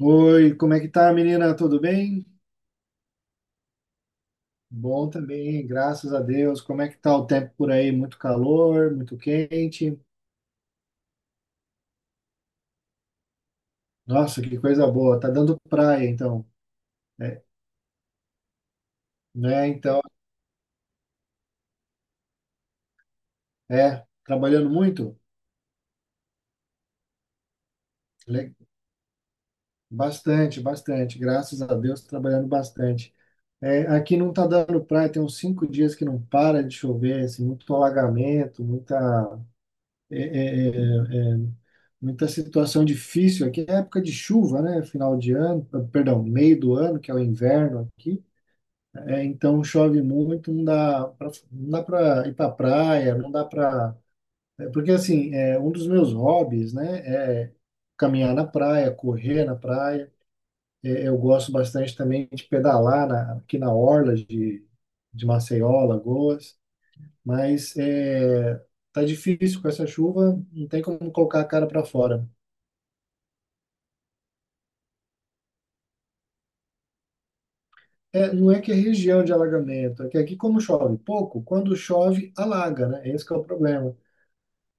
Oi, como é que tá, menina? Tudo bem? Bom também, graças a Deus. Como é que tá o tempo por aí? Muito calor, muito quente. Nossa, que coisa boa. Tá dando praia, então. É, né? Então, trabalhando muito? Le- Bastante, bastante. Graças a Deus, trabalhando bastante. É, aqui não tá dando praia, tem uns 5 dias que não para de chover, assim, muito alagamento, muita. É, é, é, é, muita situação difícil aqui. É época de chuva, né? Final de ano, ah, perdão, meio do ano, que é o inverno aqui. É, então chove muito, não dá pra, não dá para ir para praia, não dá para. Porque assim, é, um dos meus hobbies, né, é caminhar na praia, correr na praia. É, eu gosto bastante também de pedalar aqui na orla de Maceió, Lagoas. Mas é, tá difícil com essa chuva, não tem como colocar a cara para fora. É, não é que é região de alagamento, é que aqui como chove pouco, quando chove alaga, né? Esse que é o problema.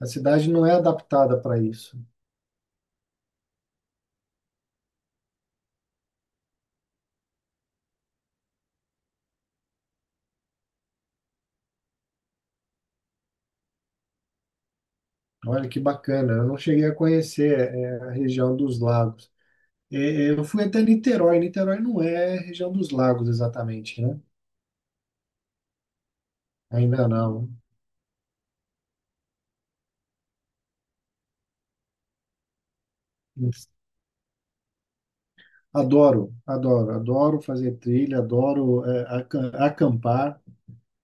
A cidade não é adaptada para isso. Olha que bacana, eu não cheguei a conhecer é, a região dos lagos. Eu fui até Niterói, Niterói não é região dos lagos exatamente, né? Ainda não. Adoro, adoro, adoro fazer trilha, adoro é, acampar.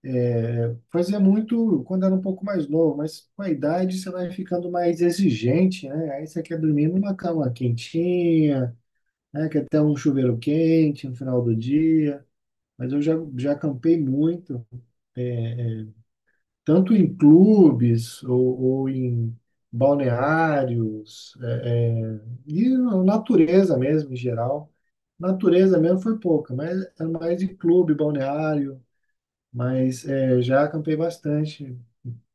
É, fazia muito quando era um pouco mais novo, mas com a idade você vai ficando mais exigente, né? Aí você quer dormir numa cama quentinha, né? Quer ter um chuveiro quente no final do dia. Mas eu já, já acampei muito, é, é, tanto em clubes ou em balneários, e na natureza mesmo, em geral. Natureza mesmo foi pouca, mas é mais de clube, balneário, mas é, já acampei bastante.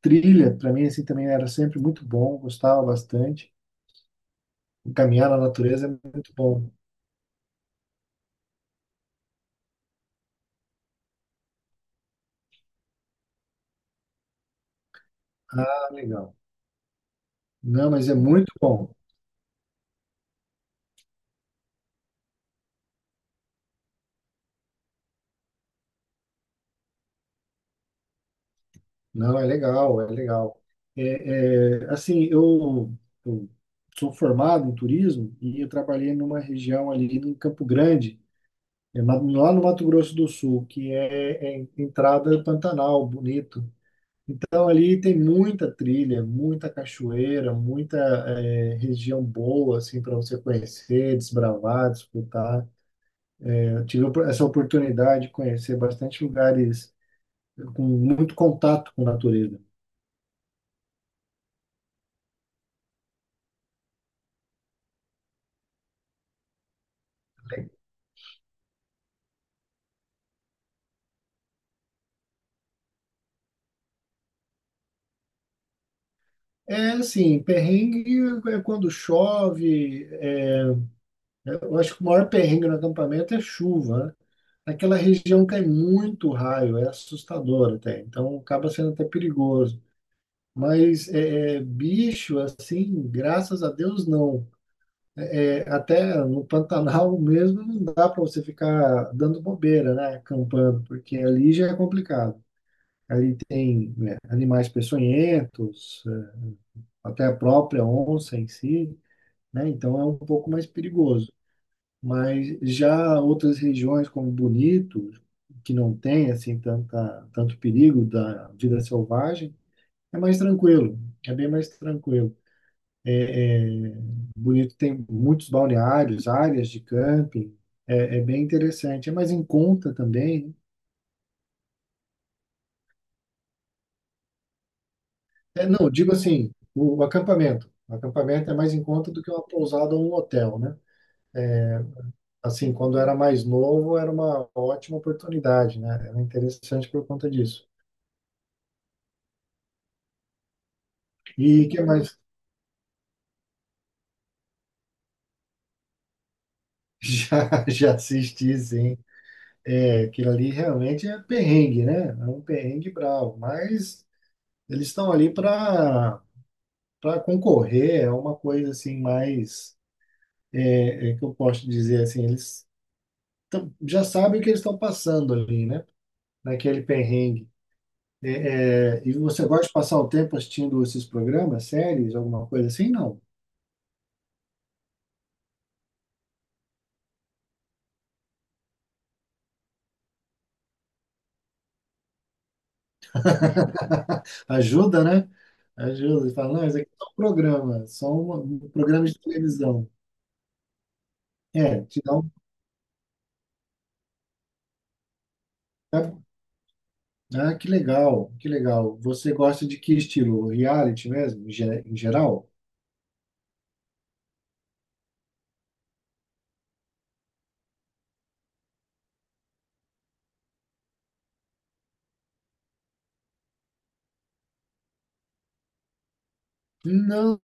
Trilha, para mim, assim, também era sempre muito bom, gostava bastante. Caminhar na natureza é muito bom. Ah, legal. Não, mas é muito bom. Não, é legal, é legal. É, é, assim, eu sou formado em turismo e eu trabalhei numa região ali em Campo Grande, é, lá no Mato Grosso do Sul, que é, é entrada Pantanal, bonito. Então, ali tem muita trilha, muita cachoeira, muita eh, região boa, assim, para você conhecer, desbravar, disputar. Eu tive essa oportunidade de conhecer bastante lugares com muito contato com a natureza. É, assim, perrengue é quando chove, é, eu acho que o maior perrengue no acampamento é chuva, né? Naquela região cai muito raio, é assustador até. Então acaba sendo até perigoso. Mas é, é, bicho, assim, graças a Deus, não. É, é, até no Pantanal mesmo não dá para você ficar dando bobeira, né? Acampando, porque ali já é complicado. Ali tem, né, animais peçonhentos, é, até a própria onça em si, né? Então é um pouco mais perigoso. Mas já outras regiões como Bonito, que não tem assim tanta, tanto perigo da vida selvagem, é mais tranquilo, é bem mais tranquilo. É, é, Bonito tem muitos balneários, áreas de camping, é, é bem interessante. É mais em conta também. É, não, digo assim, o acampamento. O acampamento é mais em conta do que uma pousada ou um hotel, né? Assim, quando era mais novo, era uma ótima oportunidade, né? Era interessante por conta disso. E o que mais? Já, já assisti, sim. É, aquilo ali realmente é perrengue, né? É um perrengue bravo, mas eles estão ali para para concorrer é uma coisa assim mais é, é que eu posso dizer assim eles já sabem o que eles estão passando ali né naquele perrengue. É, é, e você gosta de passar o tempo assistindo esses programas séries alguma coisa assim não. Ajuda né, ajuda e fala não isso aqui é um programa são um programa de televisão. É te dá um, né? Ah que legal você gosta de que estilo reality mesmo em geral. Não,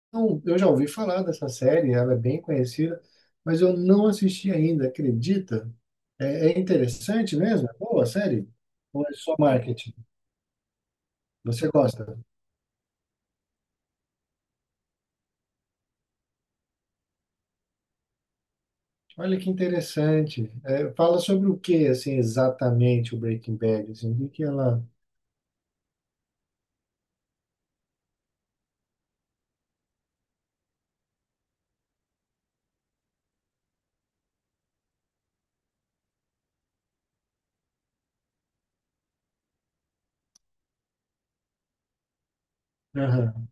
eu já ouvi falar dessa série, ela é bem conhecida, mas eu não assisti ainda, acredita? É, é interessante mesmo? É boa a série? Ou é só marketing? Você gosta? Olha que interessante. É, fala sobre o que, assim, exatamente o Breaking Bad, assim, o que que ela... Aham.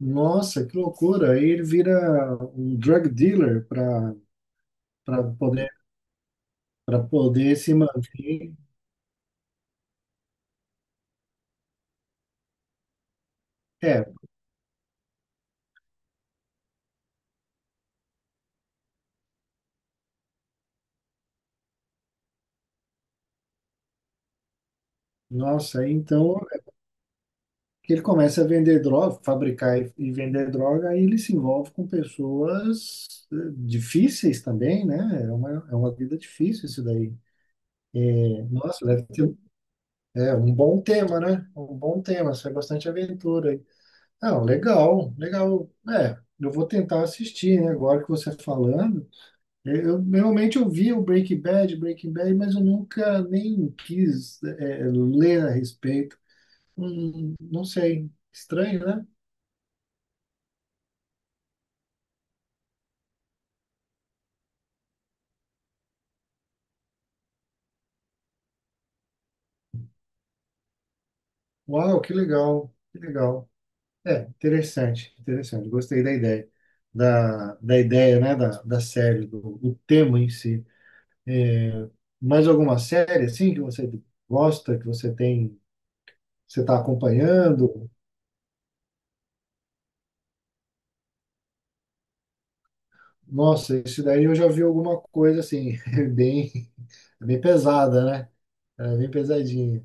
Nossa, que loucura! Aí ele vira um drug dealer para para poder para poder se manter. É, nossa, então que ele começa a vender droga, fabricar e vender droga, aí ele se envolve com pessoas eh, difíceis também, né? É uma vida difícil isso daí. É, nossa, é, um bom tema, né? Um bom tema, isso é bastante aventura aí. Não, legal, legal. É, eu vou tentar assistir, né? Agora que você tá falando, realmente eu vi o Breaking Bad, Breaking Bad, mas eu nunca nem quis eh, ler a respeito. Não sei, estranho, né? Uau, que legal, que legal. É, interessante, interessante. Gostei da ideia, da ideia, né, da série, do tema em si. Mais alguma série, assim, que você gosta, que você tem, você está acompanhando? Nossa, isso daí eu já vi alguma coisa, assim, é bem, é bem pesada, né? É, bem pesadinha.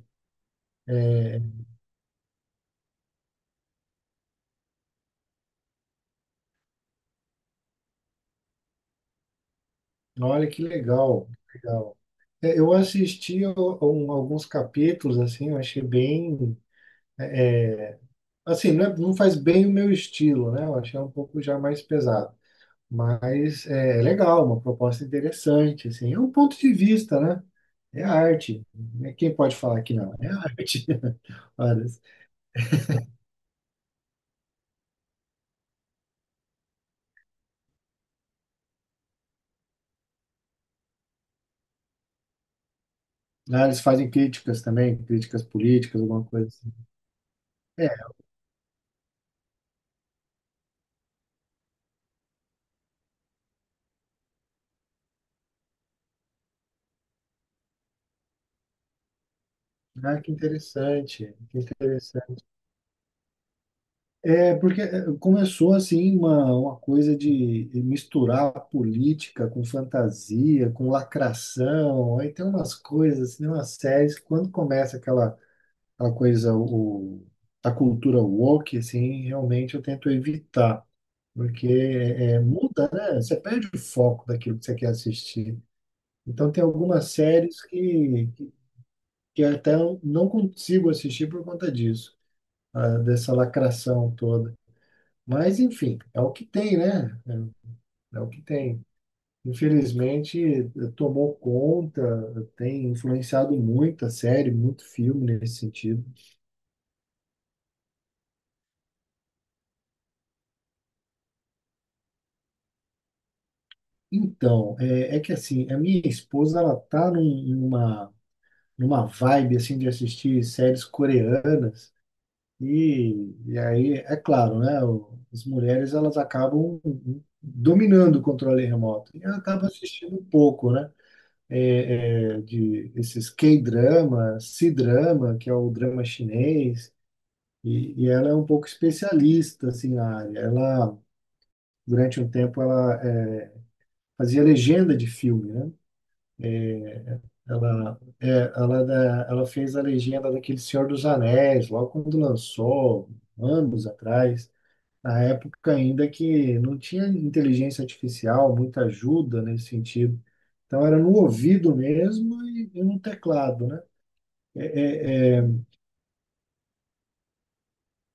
Olha que legal, legal. É, eu assisti alguns capítulos, assim, eu achei bem. Assim, não, não faz bem o meu estilo, né? Eu achei um pouco já mais pesado. Mas é legal, uma proposta interessante, assim. É um ponto de vista, né? É arte, né? Quem pode falar que não? É arte. Olha, eles ah, eles fazem críticas também, críticas políticas, alguma coisa assim. É, ah, que interessante, que interessante. É, porque é, começou assim uma coisa de misturar política com fantasia, com lacração, aí tem umas coisas, assim, umas séries, que quando começa aquela, aquela coisa, a cultura woke, assim, realmente eu tento evitar, porque é, é, muda, né? Você perde o foco daquilo que você quer assistir. Então tem algumas séries que até eu não consigo assistir por conta disso, ah, dessa lacração toda. Mas, enfim, é o que tem, né? É, é o que tem. Infelizmente, eh, tomou conta, tem influenciado muito a série, muito filme nesse sentido. Então, é, é que assim, a minha esposa, ela tá numa vibe, assim, de assistir séries coreanas. E, e aí, é claro, né? As mulheres, elas acabam dominando o controle remoto. E ela acaba assistindo pouco, né? É, é, de esses K-drama, C-drama, que é o drama chinês, e ela é um pouco especialista assim na área. Ela durante um tempo fazia legenda de filme, né? Ela é, ela é ela fez a legenda daquele Senhor dos Anéis logo quando lançou anos atrás. Na época ainda que não tinha inteligência artificial, muita ajuda nesse sentido. Então era no ouvido mesmo e no teclado, né? É, é, é,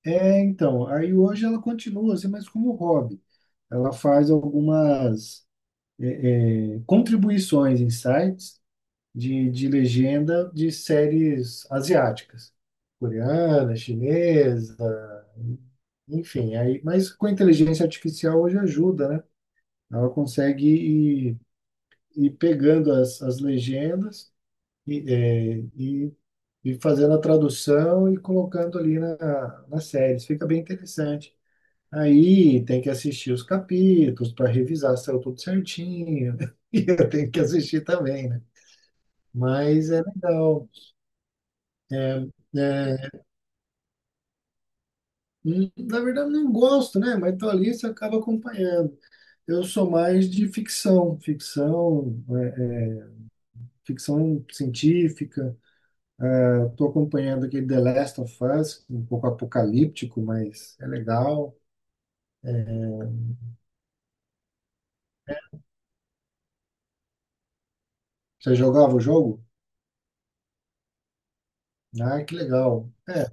É, então, aí hoje ela continua assim, mas como hobby. Ela faz algumas contribuições em sites de legenda de séries asiáticas, coreana, chinesa, enfim. Aí, mas com a inteligência artificial hoje ajuda, né? Ela consegue ir, ir pegando as legendas e, é, e, e fazendo a tradução e colocando ali na, nas séries. Fica bem interessante. Aí tem que assistir os capítulos para revisar se saiu tudo certinho. E eu tenho que assistir também, né? Mas é legal. é, é, Na verdade, não gosto, né? Mas tô ali, você acaba acompanhando. Eu sou mais de ficção, é, ficção científica. Estou acompanhando aquele The Last of Us, um pouco apocalíptico, mas é legal. Você jogava o jogo? Ah, que legal. É.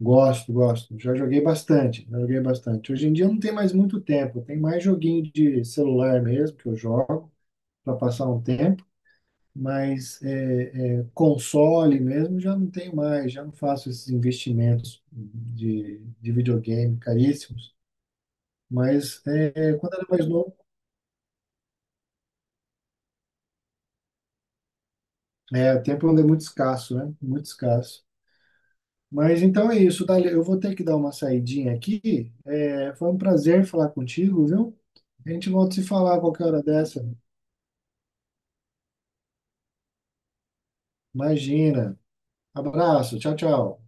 Gosto, gosto. Já joguei bastante, já joguei bastante. Hoje em dia não tem mais muito tempo, tem mais joguinho de celular mesmo que eu jogo para passar um tempo, mas é, é, console mesmo já não tenho mais, já não faço esses investimentos de videogame caríssimos. Mas é, quando era mais novo, é, o tempo ainda é muito escasso, né? Muito escasso. Mas então é isso, Dália. Eu vou ter que dar uma saidinha aqui. É, foi um prazer falar contigo, viu? A gente volta a se falar a qualquer hora dessa. Imagina. Abraço, tchau, tchau.